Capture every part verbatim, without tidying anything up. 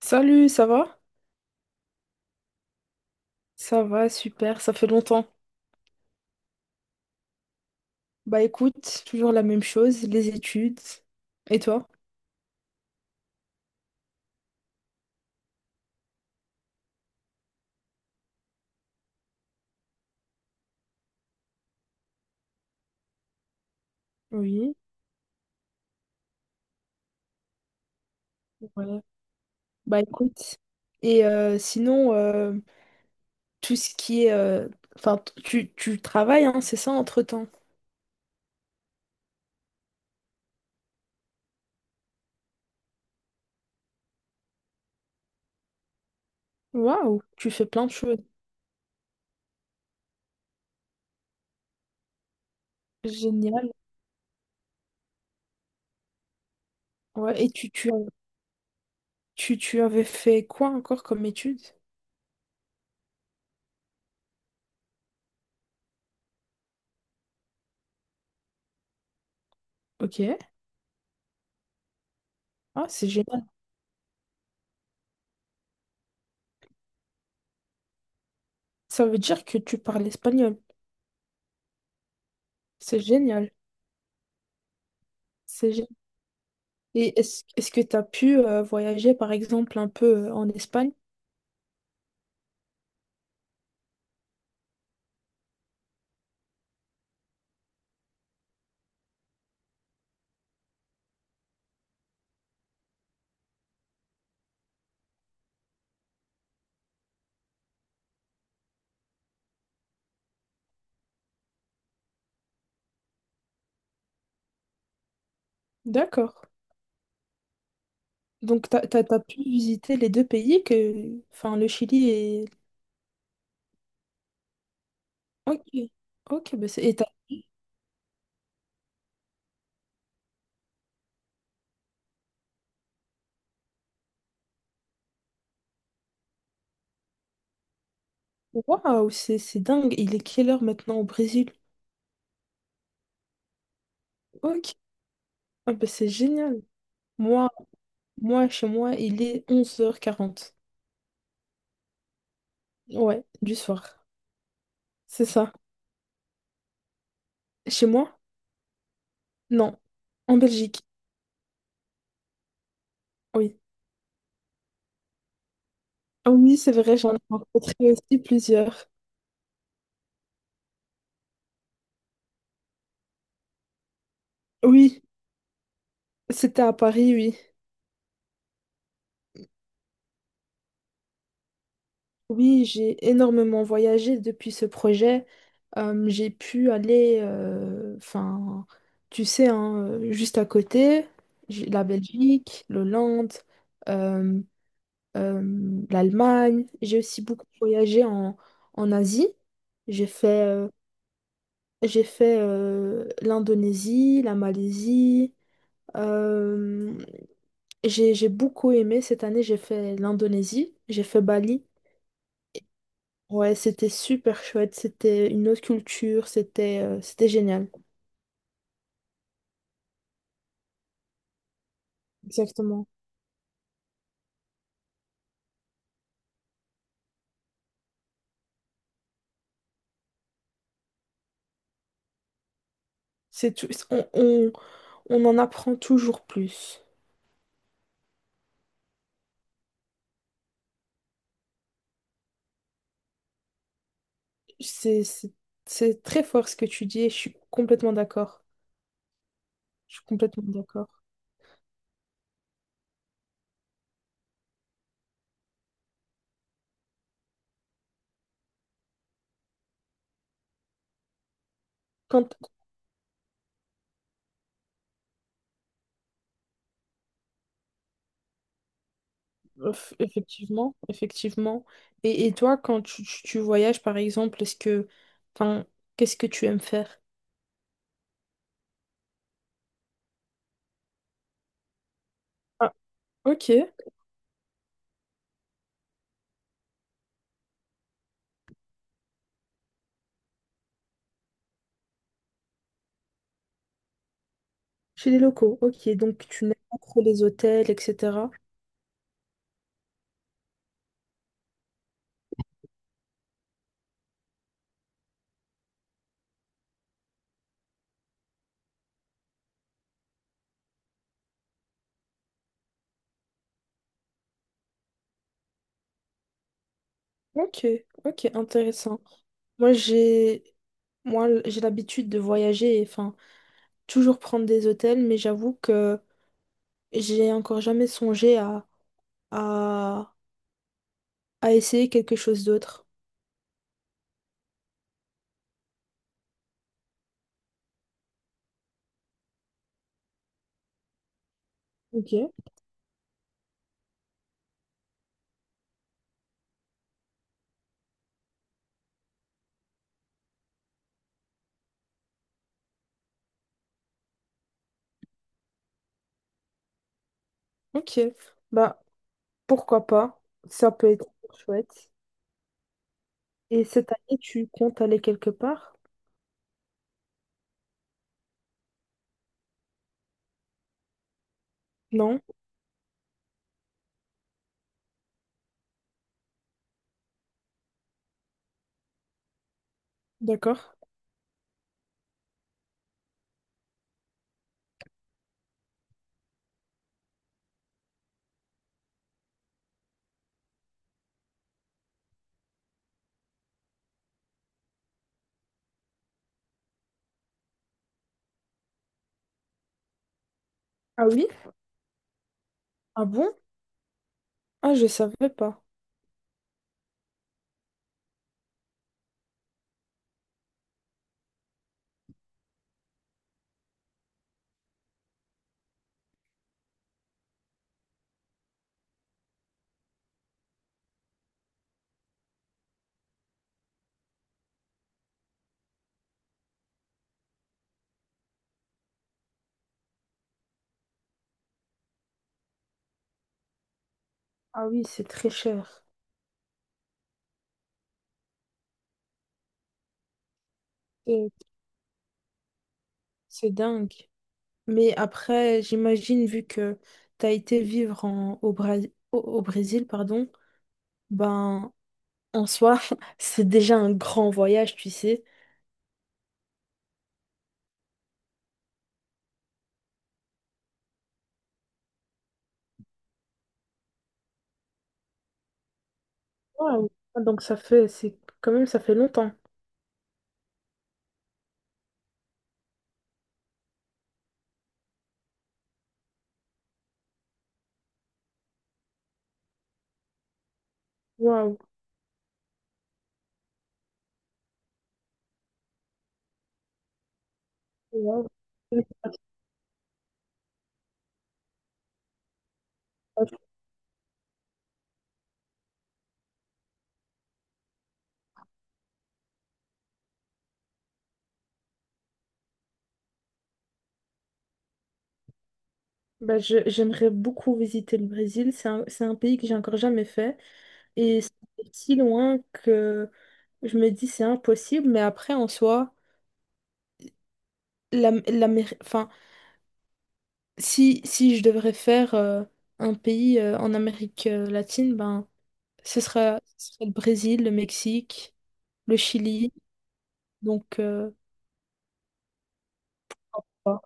Salut, ça va? Ça va, super, ça fait longtemps. Bah écoute, toujours la même chose, les études. Et toi? Oui, ouais. Bah écoute. Et euh, sinon, euh, tout ce qui est, euh, enfin, t- tu, tu travailles, hein, c'est ça, entre-temps. Waouh, tu fais plein de choses. Génial. Ouais, et tu, tu, tu, tu avais fait quoi encore comme études? Ok. Ah, c'est génial. Ça veut dire que tu parles espagnol. C'est génial. C'est Et est-ce est-ce que tu as pu euh, voyager, par exemple, un peu euh, en Espagne? D'accord. Donc, tu as pu visiter les deux pays que... Enfin, le Chili et... Ok. Ok, bah c'est... Et t'as... Waouh, c'est c'est dingue. Il est quelle heure maintenant au Brésil? Ok. Ah, bah c'est génial. Moi, moi, chez moi, il est onze heures quarante. Ouais, du soir. C'est ça. Chez moi? Non. En Belgique, oui. Ah oui, c'est vrai, j'en ai rencontré aussi plusieurs. Oui, c'était à Paris, oui. Oui, j'ai énormément voyagé depuis ce projet. Euh, j'ai pu aller, euh, enfin, tu sais, hein, euh, juste à côté, j'ai la Belgique, l'Hollande, euh, euh, l'Allemagne. J'ai aussi beaucoup voyagé en, en Asie. J'ai fait, euh, j'ai fait euh, l'Indonésie, la Malaisie. euh, j'ai, j'ai beaucoup aimé. Cette année, j'ai fait l'Indonésie, j'ai fait Bali. Ouais, c'était super chouette, c'était une autre culture, c'était euh, c'était génial. Exactement. C'est tout, on, on, on en apprend toujours plus. C'est c'est- c'est très fort ce que tu dis et je suis complètement d'accord. Je suis complètement d'accord. Quand, eff- effectivement, effectivement. Et, et toi, quand tu, tu- tu voyages, par exemple, est-ce que, enfin, qu'est-ce que tu aimes faire? Ah, ok. Chez les locaux, ok. Donc tu n'aimes pas trop les hôtels, et cetera. Ok, ok, intéressant. Moi j'ai moi l- j'ai l'habitude de voyager et enfin toujours prendre des hôtels, mais j'avoue que j'ai encore jamais songé à, à, à essayer quelque chose d'autre. Ok. Ok. Bah pourquoi pas? Ça peut être chouette. Et cette année, tu comptes aller quelque part? Non? D'accord. Ah oui? Ah bon? Ah je savais pas. Ah oui, c'est très cher. Et c'est dingue. Mais après, j'imagine, vu que tu as été vivre en- au, Bra- au- au Brésil, pardon, ben, en soi, c'est déjà un grand voyage, tu sais. Waouh. Ah, donc ça fait, c'est quand même, ça fait longtemps. Waouh. Waouh. Ben, je- j'aimerais beaucoup visiter le Brésil. C'est un, c'est un pays que j'ai encore jamais fait. Et c'est si loin que je me dis c'est impossible. Mais après, en soi, la, la, Si, si je devrais faire euh, un pays euh, en Amérique euh, latine, ben, ce sera, ce sera le Brésil, le Mexique, le Chili. Donc, euh, voilà.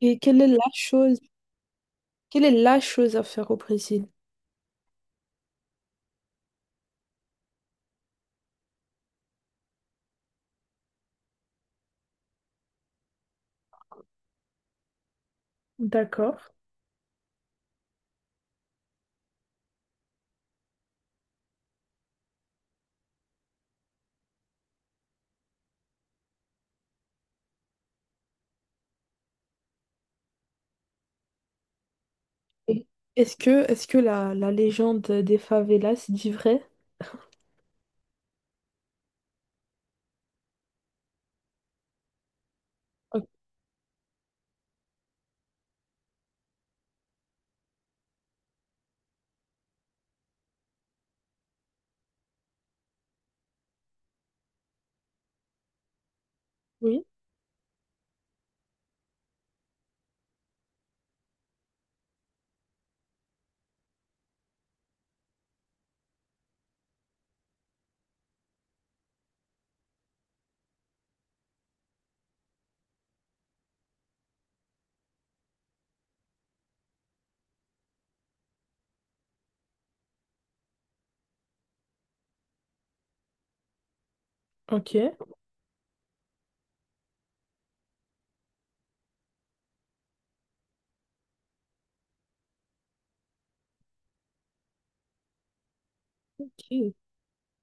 et quelle est la chose, Quelle est la chose à faire au Brésil? D'accord. Et Est-ce que, est-ce que la, la légende des favelas dit vrai? Ok, oui, ok. Ok.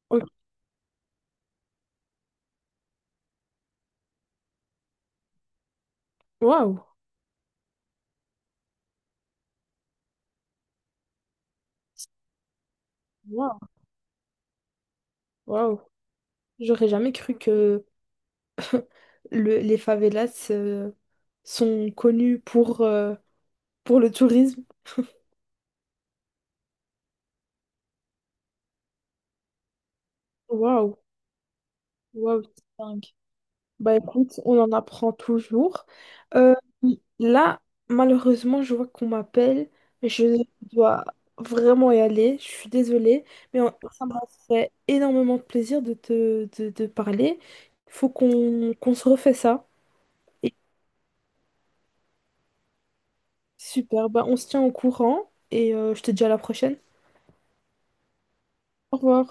Ok. Waouh! Waouh! Waouh! J'aurais jamais cru que le- les favelas euh, sont connues pour, euh, pour le tourisme. Waouh, waouh, c'est dingue. Bah écoute, on en apprend toujours. Euh, Là, malheureusement, je vois qu'on m'appelle. Je dois vraiment y aller. Je suis désolée, mais on- ça m'a fait énormément de plaisir de te de, de parler. Il faut qu'on qu'on se refait ça. Et super, bah on se tient au courant et euh, je te dis à la prochaine. Au revoir.